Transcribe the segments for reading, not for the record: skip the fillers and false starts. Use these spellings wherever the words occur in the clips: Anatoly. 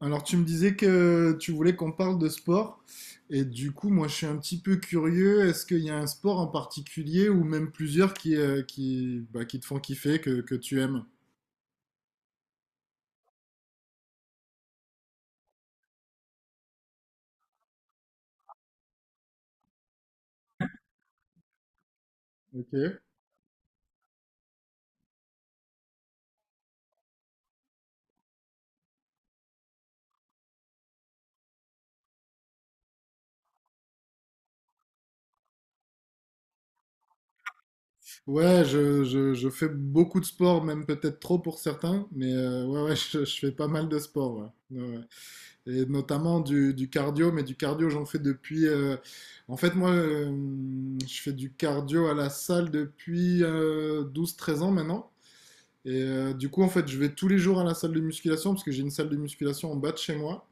Alors, tu me disais que tu voulais qu'on parle de sport, et du coup, moi, je suis un petit peu curieux. Est-ce qu'il y a un sport en particulier, ou même plusieurs, qui, qui te font kiffer, que tu aimes? Ok. Ouais, je fais beaucoup de sport, même peut-être trop pour certains, mais ouais, je fais pas mal de sport, ouais. Ouais, ouais. Et notamment du cardio, mais du cardio, j'en fais depuis. En fait, moi, je fais du cardio à la salle depuis 12 13 ans maintenant. Et du coup, en fait, je vais tous les jours à la salle de musculation parce que j'ai une salle de musculation en bas de chez moi.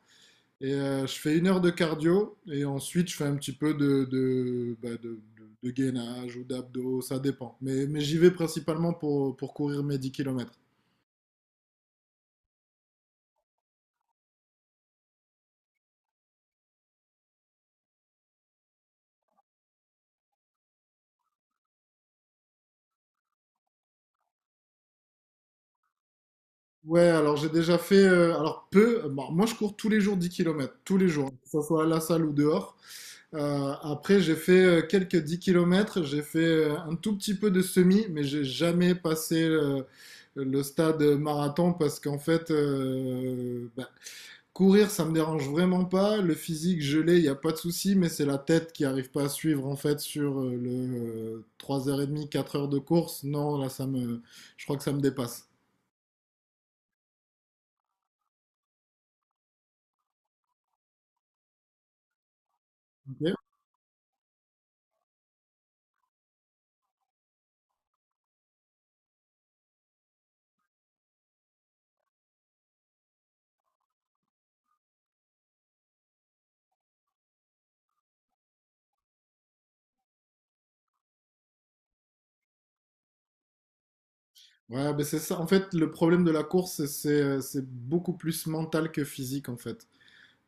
Et je fais 1 heure de cardio et ensuite je fais un petit peu de, bah, de gainage ou d'abdos, ça dépend. Mais j'y vais principalement pour courir mes 10 kilomètres. Ouais, alors j'ai déjà fait, alors peu, bon, moi je cours tous les jours 10 kilomètres tous les jours, que ce soit à la salle ou dehors. Après, j'ai fait quelques 10 kilomètres, j'ai fait un tout petit peu de semi, mais j'ai jamais passé le stade marathon parce qu'en fait, courir, ça me dérange vraiment pas. Le physique, je l'ai, il n'y a pas de souci, mais c'est la tête qui arrive pas à suivre en fait sur le 3h30, 4 heures de course. Non, là, je crois que ça me dépasse. Ok. Ouais, ben c'est ça. En fait, le problème de la course, c'est beaucoup plus mental que physique en fait.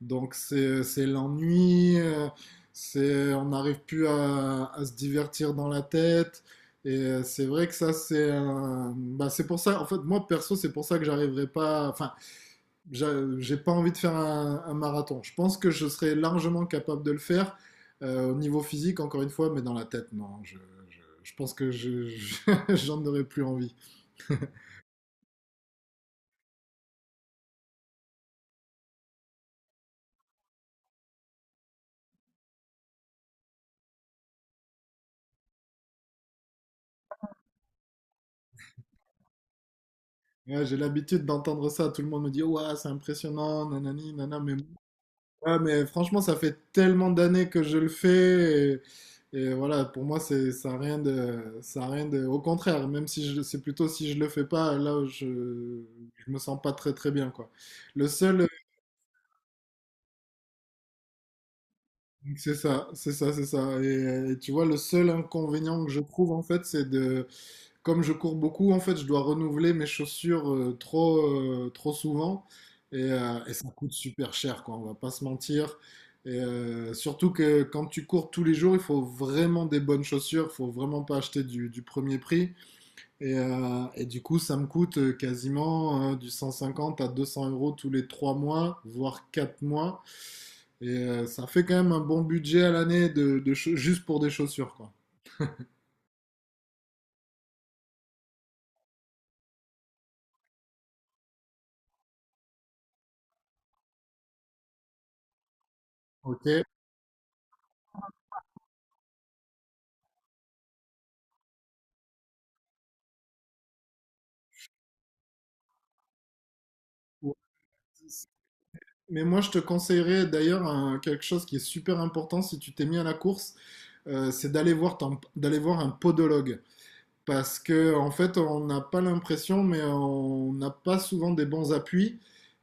Donc c'est l'ennui, c'est on n'arrive plus à se divertir dans la tête. Et c'est vrai que ça c'est un- bah, c'est pour ça en fait, moi perso, c'est pour ça que j'arriverai pas, enfin j'ai pas envie de faire un marathon. Je pense que je serais largement capable de le faire au niveau physique encore une fois, mais dans la tête non je je pense que j'en aurais plus envie. Ouais, j'ai l'habitude d'entendre ça, tout le monde me dit ouah c'est impressionnant nanani nana mais ouais, mais franchement, ça fait tellement d'années que je le fais. Et voilà, pour moi, c'est, ça a rien de, ça a rien de. Au contraire, même si je, c'est plutôt si je le fais pas, je me sens pas très très bien, quoi. Le seul, c'est ça, c'est ça, c'est ça. Et tu vois, le seul inconvénient que je trouve, en fait, comme je cours beaucoup, en fait, je dois renouveler mes chaussures trop souvent et ça coûte super cher, quoi, on va pas se mentir. Et surtout que quand tu cours tous les jours, il faut vraiment des bonnes chaussures, il faut vraiment pas acheter du premier prix. Et du coup, ça me coûte quasiment du 150 à 200 euros tous les 3 mois, voire 4 mois. Et ça fait quand même un bon budget à l'année juste pour des chaussures, quoi. Ok. Mais moi, je te conseillerais d'ailleurs quelque chose qui est super important si tu t'es mis à la course, c'est d'aller voir un podologue. Parce que, en fait, on n'a pas l'impression, mais on n'a pas souvent des bons appuis.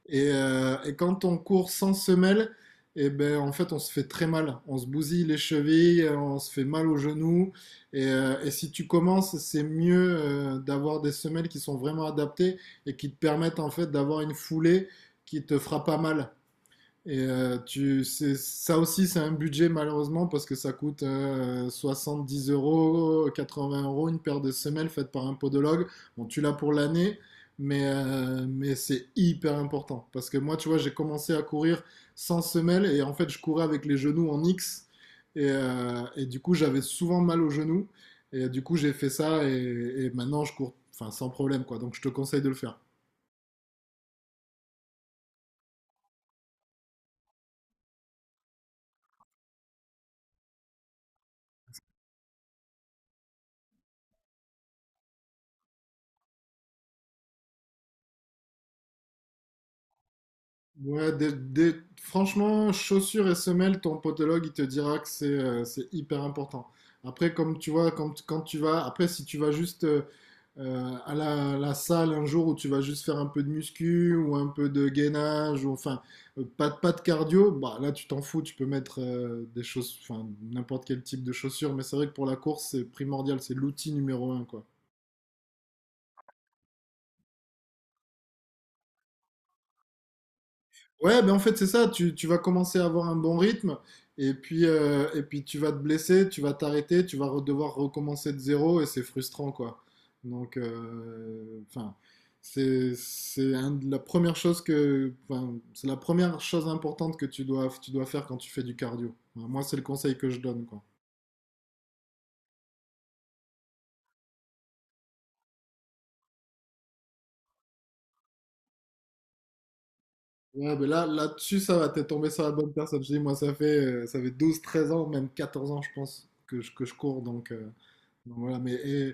Et quand on court sans semelle, et ben, en fait, on se fait très mal. On se bousille les chevilles, on se fait mal aux genoux. Et si tu commences, c'est mieux d'avoir des semelles qui sont vraiment adaptées et qui te permettent, en fait, d'avoir une foulée qui te fera pas mal. Et ça aussi, c'est un budget, malheureusement, parce que ça coûte 10 euros, 80 euros une paire de semelles faite par un podologue. Bon, tu l'as pour l'année, mais c'est hyper important. Parce que moi, tu vois, j'ai commencé à courir sans semelle et en fait, je courais avec les genoux en X. Et du coup, j'avais souvent mal aux genoux. Et du coup, j'ai fait ça, et maintenant, je cours, enfin, sans problème, quoi. Donc, je te conseille de le faire. Ouais, franchement, chaussures et semelles, ton podologue, il te dira que c'est hyper important. Après, comme tu vois, quand tu vas, après, si tu vas juste à la salle un jour où tu vas juste faire un peu de muscu ou un peu de gainage, ou enfin, pas de cardio, bah là, tu t'en fous, tu peux mettre des choses, enfin, n'importe quel type de chaussures, mais c'est vrai que pour la course, c'est primordial, c'est l'outil numéro un, quoi. Ouais, ben en fait, c'est ça. Tu vas commencer à avoir un bon rythme et puis tu vas te blesser, tu vas t'arrêter, devoir recommencer de zéro et c'est frustrant, quoi. Donc, c'est un de la première chose que, enfin, c'est la première chose importante que tu dois faire quand tu fais du cardio. Enfin, moi, c'est le conseil que je donne, quoi. Ouais, ben là, là-dessus, ça va, t'es tombé sur la bonne personne. Je dis, moi, ça fait 12, 13 ans, même 14 ans, je pense, que que je cours, donc voilà.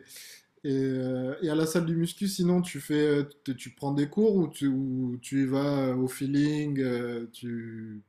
Et à la salle du muscu, sinon, tu prends des cours ou ou tu y vas au feeling,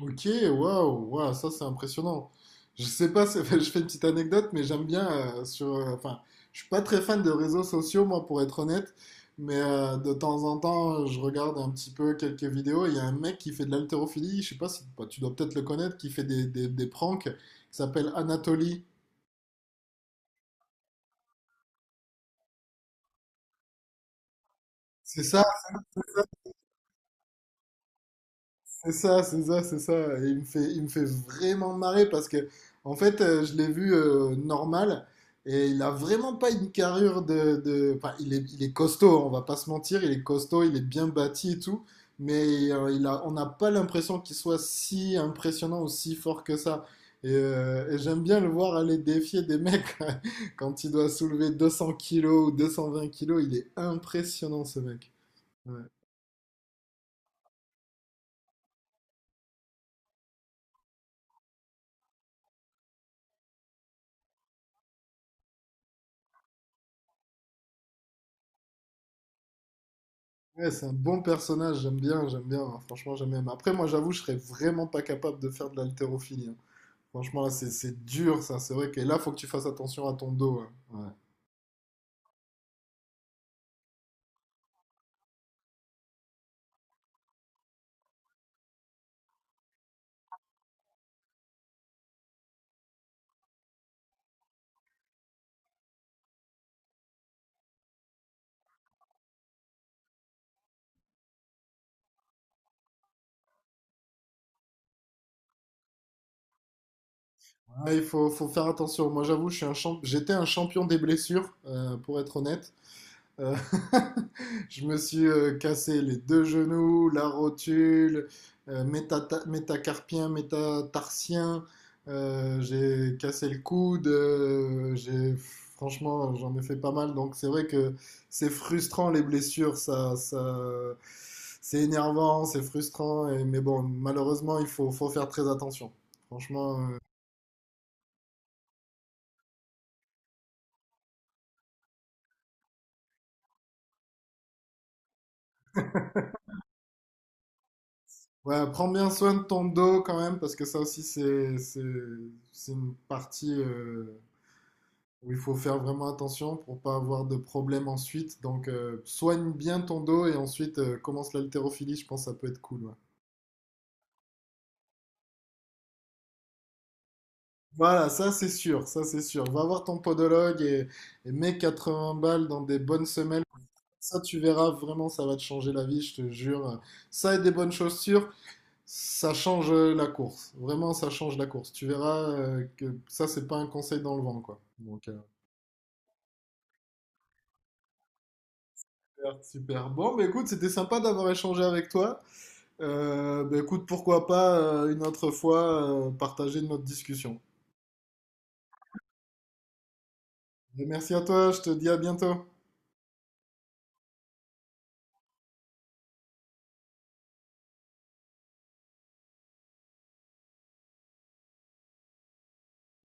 Ok, waouh, waouh, ça c'est impressionnant. Je sais pas, je fais une petite anecdote, mais j'aime bien sur. Enfin, je suis pas très fan de réseaux sociaux, moi, pour être honnête, mais de temps en temps, je regarde un petit peu quelques vidéos. Il y a un mec qui fait de l'haltérophilie, je sais pas si, bah, tu dois peut-être le connaître, qui fait des pranks, qui s'appelle Anatoly. C'est ça? C'est ça, c'est ça, c'est ça. Et il me fait vraiment marrer parce que, en fait, je l'ai vu normal et il a vraiment pas une carrure enfin, il est costaud, hein, on va pas se mentir, il est costaud, il est bien bâti et tout, mais on n'a pas l'impression qu'il soit si impressionnant ou si fort que ça. Et j'aime bien le voir aller défier des mecs quand il doit soulever 200 kilos ou 220 kilos. Il est impressionnant, ce mec. Ouais. Ouais, c'est un bon personnage, j'aime bien, hein, franchement j'aime bien. Mais après, moi, j'avoue, je serais vraiment pas capable de faire de l'haltérophilie, hein. Franchement, là c'est dur ça, c'est vrai que là faut que tu fasses attention à ton dos, hein. Ouais. Ouais, faut faire attention, moi j'avoue je suis un champ... j'étais un champion des blessures, pour être honnête. Euh, je me suis cassé les deux genoux, la rotule, métacarpien, métatarsien. J'ai cassé le coude. J'ai Franchement, j'en ai fait pas mal. Donc c'est vrai que c'est frustrant, les blessures. C'est énervant, c'est frustrant. Mais bon, malheureusement, faut faire très attention. Franchement. Ouais, prends bien soin de ton dos quand même, parce que ça aussi, c'est une partie. Il faut faire vraiment attention pour pas avoir de problème ensuite. Donc, soigne bien ton dos et ensuite commence l'haltérophilie. Je pense que ça peut être cool, ouais. Voilà, ça c'est sûr, ça c'est sûr. Va voir ton podologue et mets 80 balles dans des bonnes semelles. Ça, tu verras vraiment, ça va te changer la vie, je te jure. Ça et des bonnes chaussures, ça change la course. Vraiment, ça change la course. Tu verras que ça, c'est pas un conseil dans le vent, quoi. Super, super. Bon, mais écoute, c'était sympa d'avoir échangé avec toi. Écoute, pourquoi pas une autre fois partager notre discussion. Et merci à toi, je te dis à bientôt.